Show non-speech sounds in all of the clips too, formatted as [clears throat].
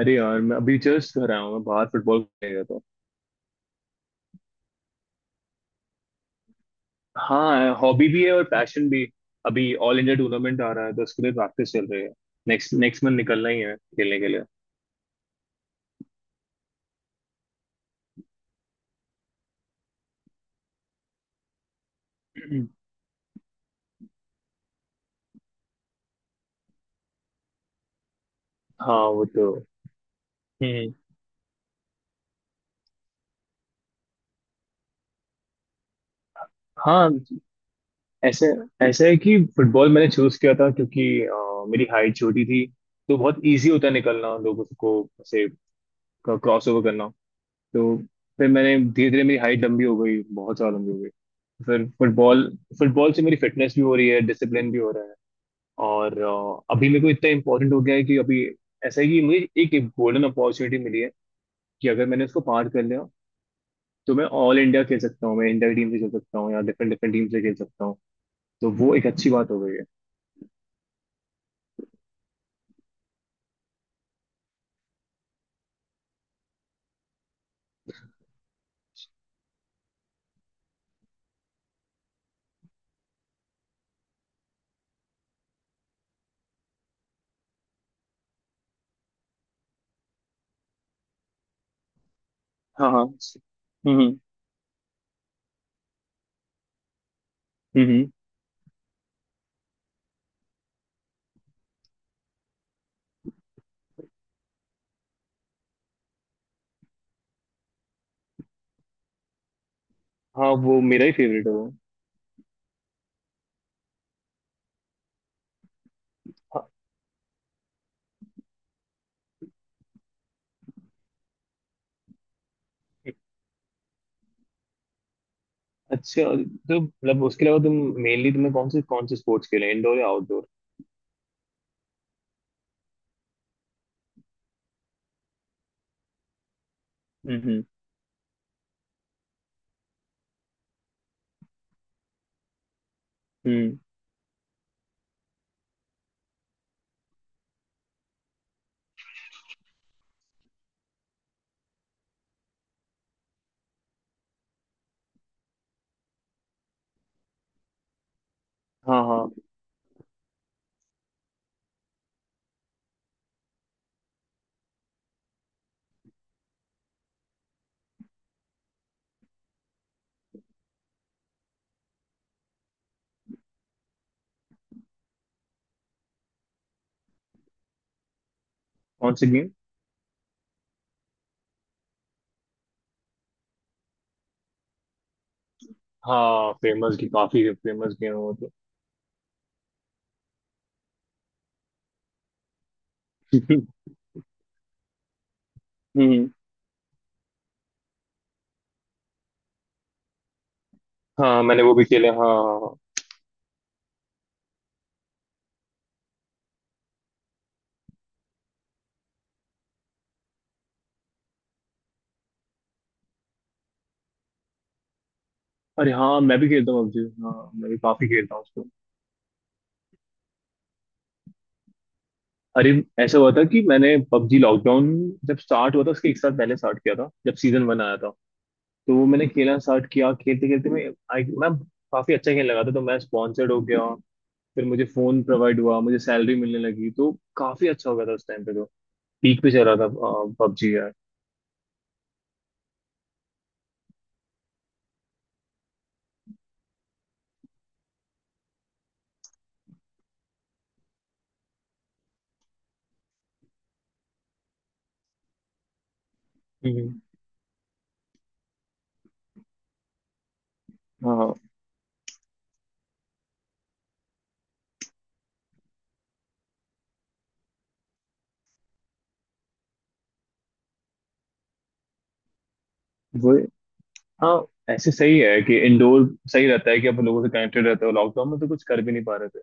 अरे यार, मैं अभी जस्ट घर आया हूँ। मैं बाहर फुटबॉल खेलने गया था। हाँ, हॉबी भी है और पैशन भी। अभी ऑल इंडिया टूर्नामेंट आ रहा है, तो उसके लिए प्रैक्टिस चल रही है। नेक्स्ट नेक्स्ट मंथ निकलना ही है खेलने के लिए। [clears throat] हम्म। हाँ, वो तो। हम्म। हाँ, ऐसे। ऐसा है कि फुटबॉल मैंने चूज किया था, क्योंकि मेरी हाइट छोटी थी। तो बहुत इजी होता है निकलना लोगों को, ऐसे क्रॉस ओवर करना। तो फिर मैंने धीरे धीरे मेरी हाइट लंबी हो गई बहुत ज्यादा लंबी हो गई फिर फुटबॉल फुटबॉल से मेरी फिटनेस भी हो रही है, डिसिप्लिन भी हो रहा है। और अभी मेरे को इतना इम्पोर्टेंट हो गया है कि अभी ऐसा है कि मुझे एक गोल्डन अपॉर्चुनिटी मिली है, कि अगर मैंने उसको पार कर लिया, तो मैं ऑल इंडिया खेल सकता हूँ। मैं इंडिया की टीम से खेल सकता हूँ, या डिफरेंट डिफरेंट टीम से खेल सकता हूँ। तो वो एक अच्छी बात हो गई है। हाँ हाँ, हम्म। हाँ, वो मेरा ही फेवरेट है, वो। हाँ, अच्छा। तो मतलब उसके अलावा तुम, मेनली तुम्हें कौन से स्पोर्ट्स खेले, इंडोर या आउटडोर? Hmm hmm. हाँ हाँ। कौन से गेम? हाँ, फेमस की काफी फेमस गेम हो, तो। [laughs] हम्म। हाँ, मैंने वो भी खेले। हाँ हाँ। हाँ। अरे हाँ, मैं भी खेलता हूँ पबजी। हाँ, मैं भी काफी खेलता हूँ उसको। अरे, ऐसा हुआ था कि मैंने पबजी लॉकडाउन जब स्टार्ट हुआ था उसके एक साल पहले स्टार्ट किया था, जब सीजन 1 आया था। तो वो मैंने खेलना स्टार्ट किया। खेलते खेलते मैं काफी अच्छा खेलने लगा था, तो मैं स्पॉन्सर्ड हो गया। फिर मुझे फोन प्रोवाइड हुआ, मुझे सैलरी मिलने लगी। तो काफी अच्छा हो गया था उस टाइम पे, तो पीक पे चल रहा था पबजी यार। हम्म। हाँ, वो। हाँ, ऐसे सही है कि इंडोर सही रहता है, कि आप लोगों से कनेक्टेड रहते हो। लॉकडाउन में तो कुछ कर भी नहीं पा रहे थे।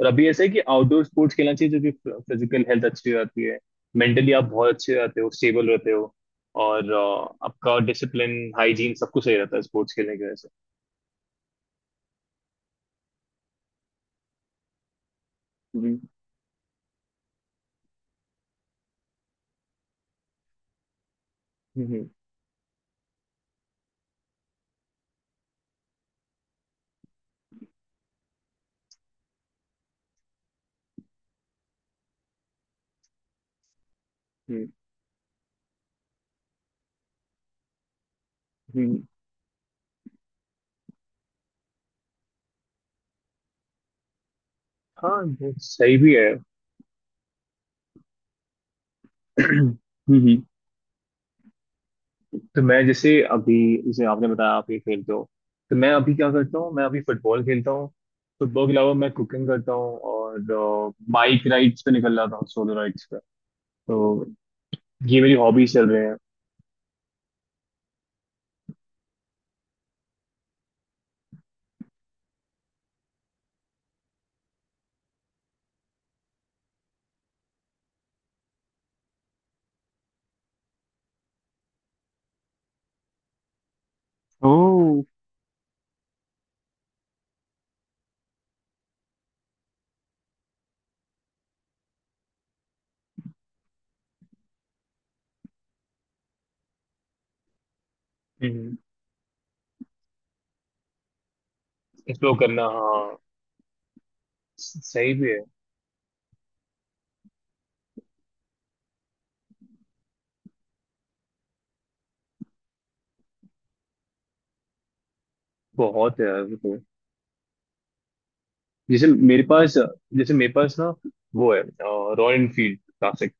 और अभी ऐसे है कि आउटडोर स्पोर्ट्स खेलना चाहिए, जो कि फिजिकल हेल्थ अच्छी रहती है, मेंटली आप बहुत अच्छे रहते हो, स्टेबल रहते हो। और आपका डिसिप्लिन हाइजीन सब कुछ सही रहता है स्पोर्ट्स खेलने की वजह से। हम्म हम्म हम्म हम्म, हम्म। हाँ, वो सही भी है। [clears throat] हम्म। तो मैं जैसे अभी, जैसे आपने बताया आप ये खेलते हो, तो मैं अभी क्या करता हूँ, मैं अभी फुटबॉल खेलता हूँ। फुटबॉल के अलावा मैं कुकिंग करता हूँ, और बाइक राइड्स पे निकल जाता हूँ, सोलो राइड्स पे। तो ये मेरी हॉबीज चल रहे हैं। ओह। एक्सप्लोर करना, हाँ। सही भी है। बहुत है यार, वो तो। जैसे मेरे पास जैसे मेरे पास ना वो है रॉयल एनफील्ड क्लासिक।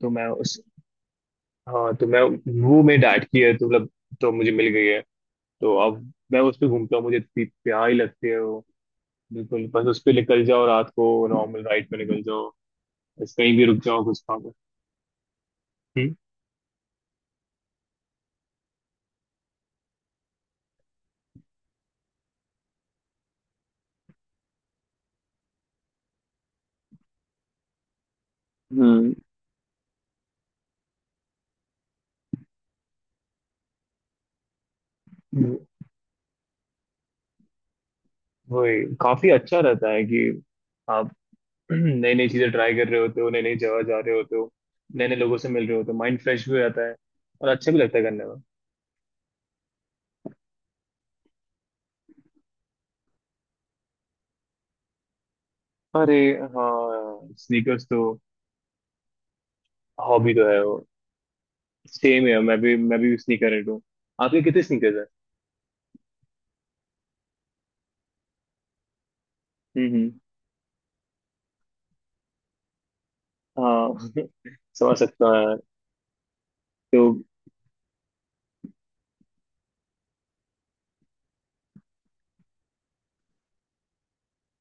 तो मैं उस हाँ, तो मैं वो मेरे डैड की है, तो मतलब तो मुझे मिल गई है। तो अब मैं उस पे घूमता हूँ, मुझे इतनी प्यारी लगती है वो। बिल्कुल, बस उस पे निकल जाओ रात को, नॉर्मल राइड पे निकल जाओ, बस कहीं भी रुक जाओ, कुछ खाओ। हम्म हम्म। वो- वही काफी अच्छा रहता है कि आप [clears throat] नई नई चीजें ट्राई कर रहे होते हो, नई नई जगह जा रहे होते हो, नए नए लोगों से मिल रहे होते हो। माइंड फ्रेश भी हो जाता है, और अच्छा भी लगता है करने में। अरे हाँ, स्नीकर्स तो। हॉबी तो है वो। सेम है, मैं भी स्नीकर हूँ। आपके कितने स्नीकर्स हैं? हम्म हम्म। हाँ। [laughs] समझ सकता। तो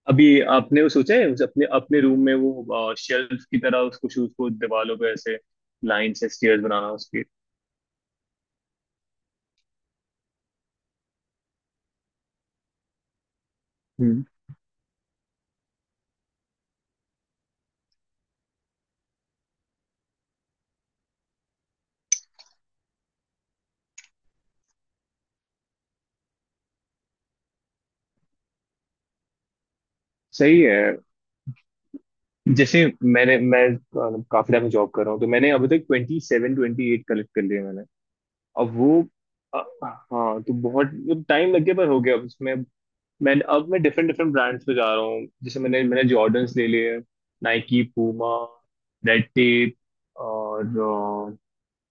अभी आपने वो सोचा है, उस अपने अपने रूम में वो शेल्फ की तरह, उसको शूज को दीवारों पे ऐसे लाइन से स्टेयर्स बनाना उसकी? हम्म। सही है। जैसे मैंने मैं काफी टाइम जॉब कर रहा हूँ, तो मैंने अभी तक 27 28 कलेक्ट कर लिए मैंने। अब वो अ, हाँ, तो बहुत टाइम लग गया पर हो गया अब उसमें। मैं अब मैं डिफरेंट डिफरेंट ब्रांड्स पे जा रहा हूँ। जैसे मैंने मैंने जॉर्डन्स ले लिए, नाइकी, पूमा, रेड टेप, और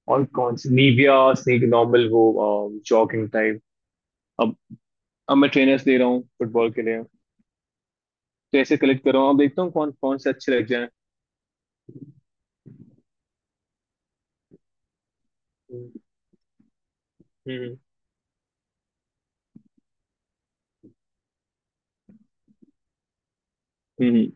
और कौन सी निविया, स्नीक, नॉर्मल वो, जॉगिंग टाइप। अब अब मैं ट्रेनर्स दे रहा हूँ फुटबॉल के लिए। तो ऐसे कलेक्ट कर रहा हूँ, अब देखता हूँ कौन कौन से अच्छे लग जाए। हम्म हम्म हम्म,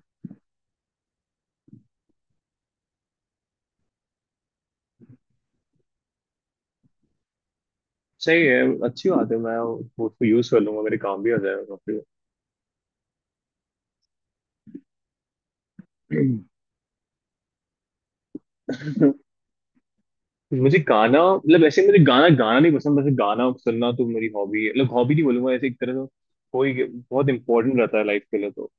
सही है। अच्छी बात है, मैं वो उसको यूज कर लूंगा, मेरे काम भी हो जाएगा काफी। [clears throat] मुझे गाना मतलब, ऐसे मुझे गाना गाना नहीं पसंद, वैसे गाना सुनना तो मेरी हॉबी है। मतलब हॉबी नहीं बोलूंगा ऐसे, एक तरह से कोई बहुत इंपॉर्टेंट रहता है लाइफ के लिए, तो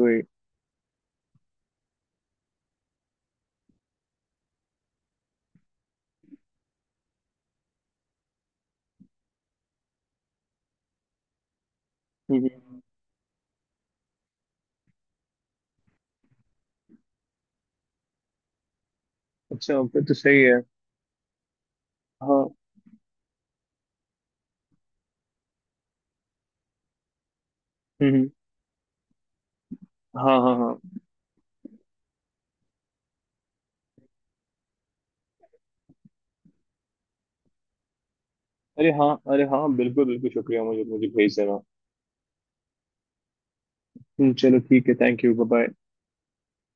वही। हम्म, हम्म। अच्छा, फिर तो सही है। हाँ। हम्म, हाँ हाँ हाँ। अरे हाँ, अरे हाँ, बिल्कुल बिल्कुल शुक्रिया। मुझे मुझे भेज देना। चलो ठीक है। Thank you. Bye bye.